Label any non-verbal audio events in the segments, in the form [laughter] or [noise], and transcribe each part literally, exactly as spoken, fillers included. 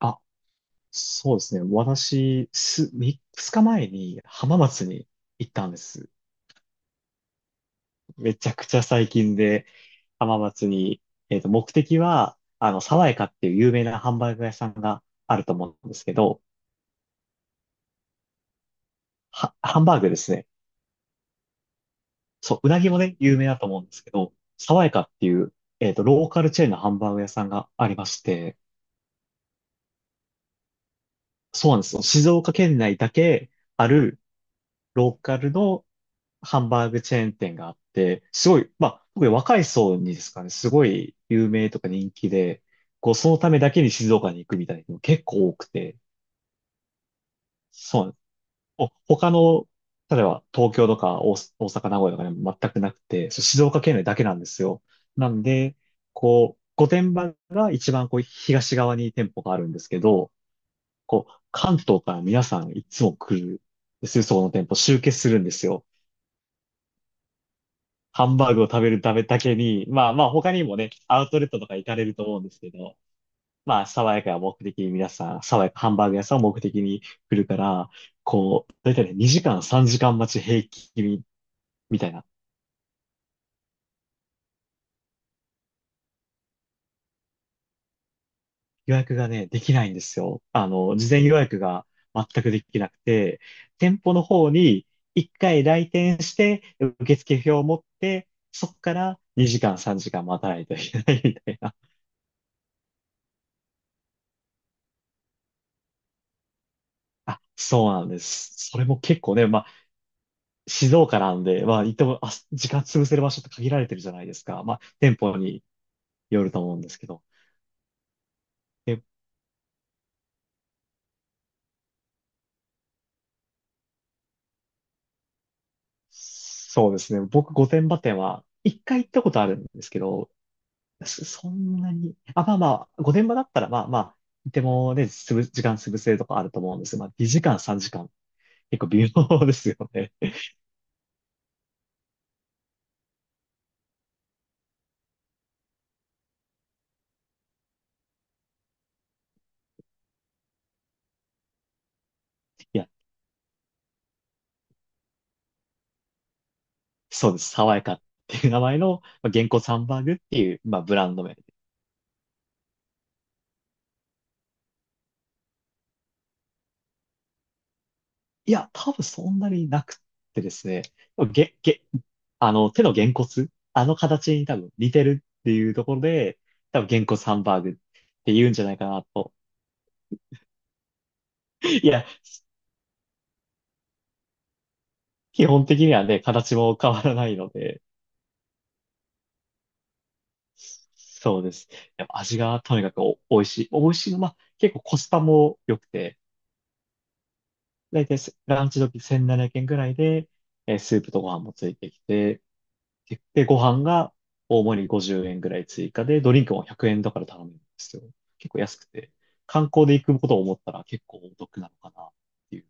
あ、そうですね。私、す、みっかまえに浜松に行ったんです。めちゃくちゃ最近で浜松に、えっと、目的は、あの、爽やかっていう有名なハンバーグ屋さんがあると思うんですけど、は、ハンバーグですね。そう、うなぎもね、有名だと思うんですけど、爽やかっていう、えっと、ローカルチェーンのハンバーグ屋さんがありまして、そうなんですよ。静岡県内だけあるローカルのハンバーグチェーン店があって、すごい、まあ、特に若い層にですかね、すごい有名とか人気で、こう、そのためだけに静岡に行くみたいな人も結構多くて、そうなんです。お他の、例えば東京とか大、大阪、名古屋とかにも全くなくて、そう静岡県内だけなんですよ。なんで、こう、御殿場が一番こう東側に店舗があるんですけど、こう、関東から皆さんいつも来るんですよ、そこの店舗、集結するんですよ。ハンバーグを食べるためだけに、まあまあ他にもね、アウトレットとか行かれると思うんですけど、まあ爽やかが目的に皆さん、爽やかハンバーグ屋さんを目的に来るから、こう、だいたいね、にじかんさんじかん待ち平均みたいな。予約がね、できないんですよ。あの、事前予約が全くできなくて、店舗の方にいっかい来店して、受付表を持って、そこからにじかんさんじかん待たないといけないみたいな。あ、そうなんです。それも結構ね、まあ静岡なんで、まあ、行っても、あ、時間潰せる場所って限られてるじゃないですか。まあ、店舗によると思うんですけど。で、そうですね。僕、御殿場店は、一回行ったことあるんですけど、そそんなに、あ、まあまあ、御殿場だったら、まあまあ、いてもね、つぶ時間潰せるとかあると思うんですが、まあ、にじかん、さんじかん、結構微妙ですよね。いや、そうです。爽やかっていう名前の、まあ、原稿サンバーグっていう、まあ、ブランド名。いや、多分そんなになくってですね。げ、げ、あの、手のげんこつ、あの形に多分似てるっていうところで、多分げんこつハンバーグって言うんじゃないかなと。いや、基本的にはね、形も変わらないので、そうです。やっぱ味がとにかくお、美味しい。美味しいの、まあ、結構コスパも良くて、だいたいランチ時せんななひゃくえんくえんぐらいで、えースープとご飯もついてきて、で、ご飯が大盛りごじゅうえんぐらい追加で、ドリンクもひゃくえんだから頼めるんですよ。結構安くて、観光で行くことを思ったら結構お得なのかなっていう。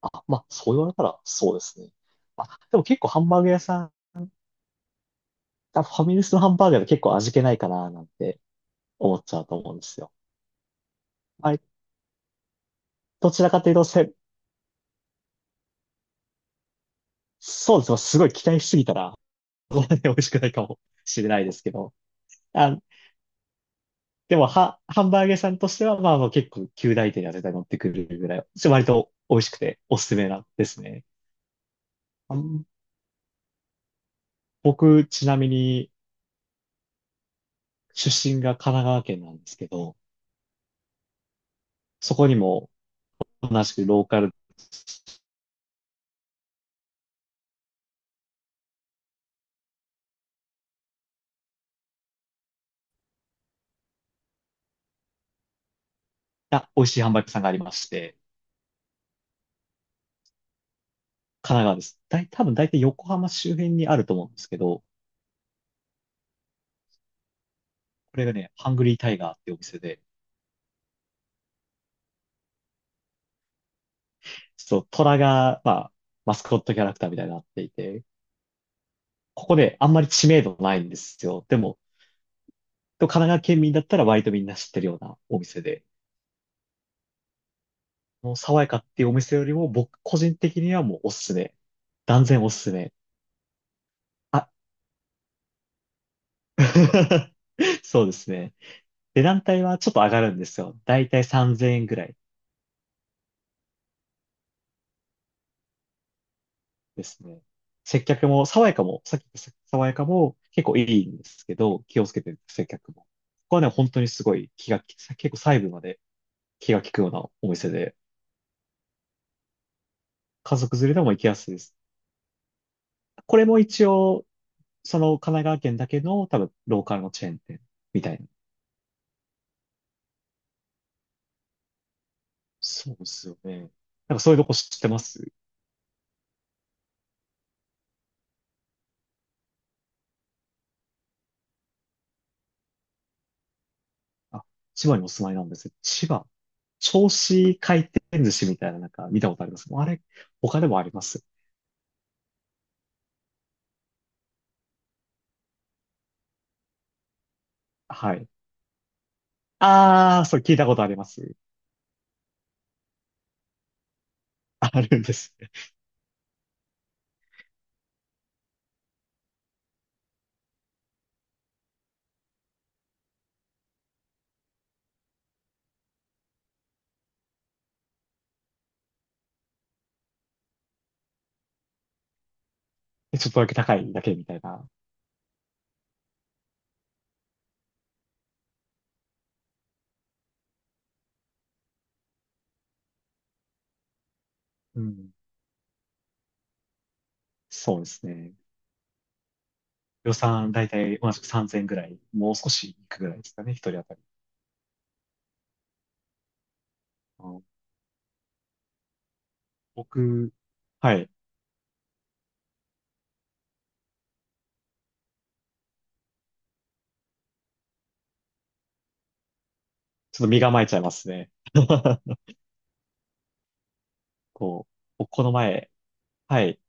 あ、まあ、そう言われたらそうですね。まあ、でも結構ハンバーグ屋さん、あファミレスのハンバーガーが結構味気ないかななんて思っちゃうと思うんですよ。あれ、どちらかというとせ、そうですね。すごい期待しすぎたら、そんなに美味しくないかもしれないですけど、あ、でも、は、ハンバーグ屋さんとしては、まあ、もう結構、旧大手には絶対乗ってくるぐらい、ちょ割と美味しくておすすめなんですね。あん僕、ちなみに、出身が神奈川県なんですけど、そこにも同じくローカルな美味しいハンバーグ屋さんがありまして、神奈川です。だい、多分大体横浜周辺にあると思うんですけど、これがね、ハングリータイガーっていうお店で、ちょっと虎が、まあ、マスコットキャラクターみたいになっていて、ここであんまり知名度ないんですよ。でも、と、神奈川県民だったら割とみんな知ってるようなお店で、もう爽やかっていうお店よりも僕個人的にはもうおすすめ。断然おすすめ。あ、[laughs] そうですね。値段帯はちょっと上がるんですよ。だいたいさんぜんえんぐらいですね。接客も、爽やかも、さっき言った爽やかも結構いいんですけど、気をつけてる接客も。ここはね、本当にすごい気が利く、結構細部まで気が利くようなお店で、家族連れでも行きやすいです。これも一応、その神奈川県だけの多分ローカルのチェーン店みたいな。そうですよね。なんかそういうとこ知ってます？あ、千葉にお住まいなんですよ。千葉。銚子回転寿司みたいななんか見たことあります。あれ、他でもあります。はい。あー、それ聞いたことあります。あるんです。[laughs] ちょっとだけ高いだけみたいな。うん。そうですね。予算だいたい同じくさんぜんぐらい。もう少しいくぐらいですかね、一人当たり。あの僕、はい。ちょっと身構えちゃいますね。[laughs] こう、僕この前、はい、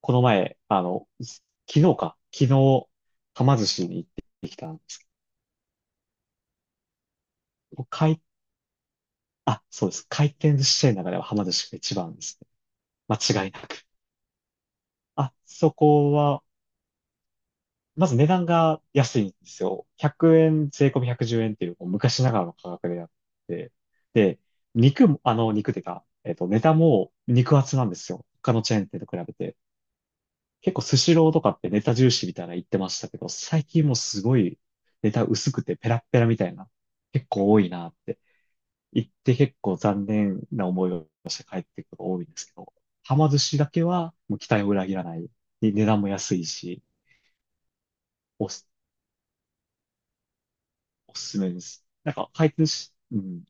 この前、あの、す昨日か、昨日、はま寿司に行ってきたんですけど、僕回、あ、そうです。回転寿司チェーンの中でははま寿司が一番ですね。間違いなく。あ、そこは、まず値段が安いんですよ。ひゃくえん、税込みひゃくじゅうえんっていう、こう昔ながらの価格でやって、で、肉も、あの、肉ていうか、えっと、ネタも肉厚なんですよ。他のチェーン店と比べて。結構スシローとかってネタ重視みたいな言ってましたけど、最近もすごいネタ薄くてペラッペラみたいな、結構多いなって言って結構残念な思いをして帰ってくることが多いんですけど、はま寿司だけはもう期待を裏切らない。で値段も安いし、おす、おすすめです。なんか回転し、うん。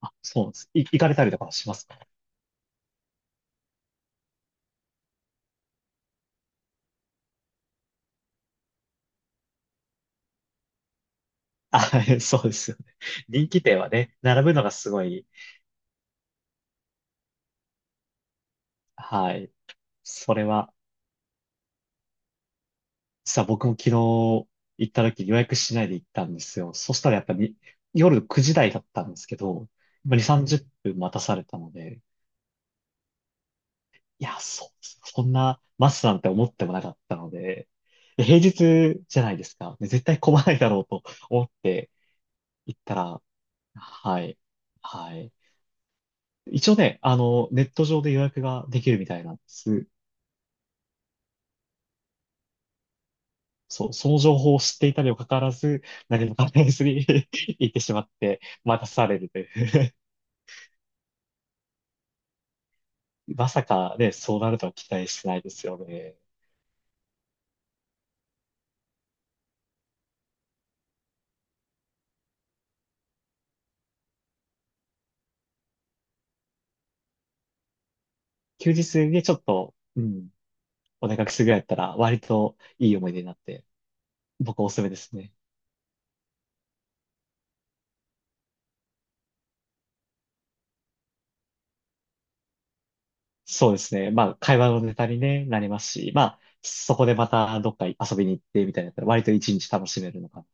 あ、そうなんです。い、行かれたりとかはしますかあ、[laughs] そうですよね。人気店はね、並ぶのがすごい、はい。それは実は僕も昨日行った時予約しないで行ったんですよ。そしたらやっぱり夜くじ台だったんですけど、まあ、に、さんじゅっぷん待たされたので、いや、そ、そんな待つなんて思ってもなかったので、で平日じゃないですか。で絶対混まないだろうと思って行ったら、はい、はい。一応ね、あの、ネット上で予約ができるみたいなんです。そう、その情報を知っていたにもかかわらず、何も関係ずに [laughs] 行ってしまって、待たされるという。まさかね、そうなるとは期待してないですよね。休日でちょっと、うん、お出かけするぐらいだったら、割といい思い出になって、僕おすすめですね。そうですね。まあ、会話のネタに、ね、なりますし、まあ、そこでまたどっか遊びに行ってみたいなったら、割と一日楽しめるのかな。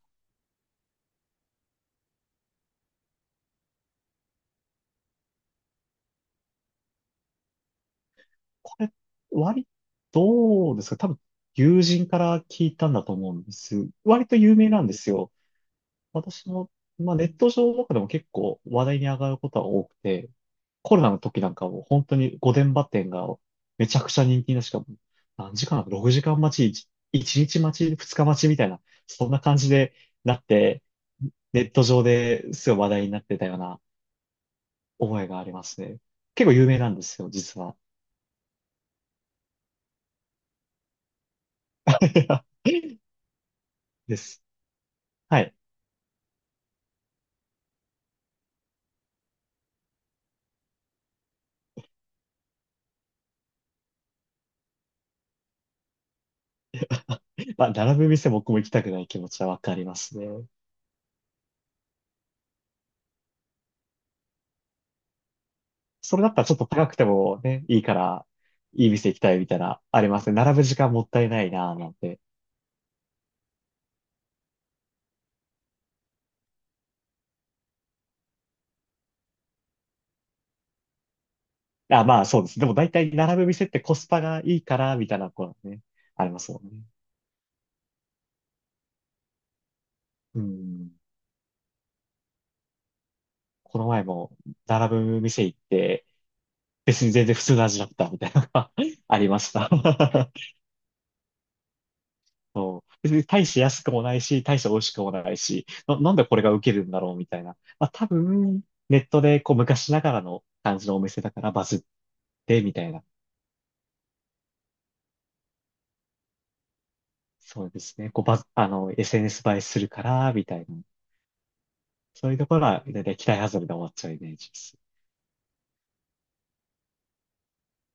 これ、割、どうですか？多分、友人から聞いたんだと思うんです。割と有名なんですよ。私も、まあ、ネット上とかでも結構話題に上がることは多くて、コロナの時なんかも本当に御殿場店がめちゃくちゃ人気な、しかも何時間、ろくじかん待ち、いちにち待ち、ふつか待ちみたいな、そんな感じでなって、ネット上ですごい話題になってたような覚えがありますね。結構有名なんですよ、実は。[laughs] です。はい。まあ、並ぶ店僕も行きたくない気持ちはわかりますね。それだったらちょっと高くてもね、いいから、いい店行きたいみたいな、ありますね。並ぶ時間もったいないな、なんて。あ、まあそうです。でも大体並ぶ店ってコスパがいいから、みたいなこうね、ありますもんね。うん。この前も並ぶ店行って、別に全然普通の味だったみたいなのが [laughs] ありました [laughs] そう。別に大して安くもないし、大して美味しくもないし、な、なんでこれが受けるんだろうみたいな。まあ多分、ネットでこう昔ながらの感じのお店だからバズってみたいな。そうですね。こう、ば、あの、エスエヌエス 映えするから、みたいな。そういうところは、だいたい期待外れで終わっちゃうイメージです。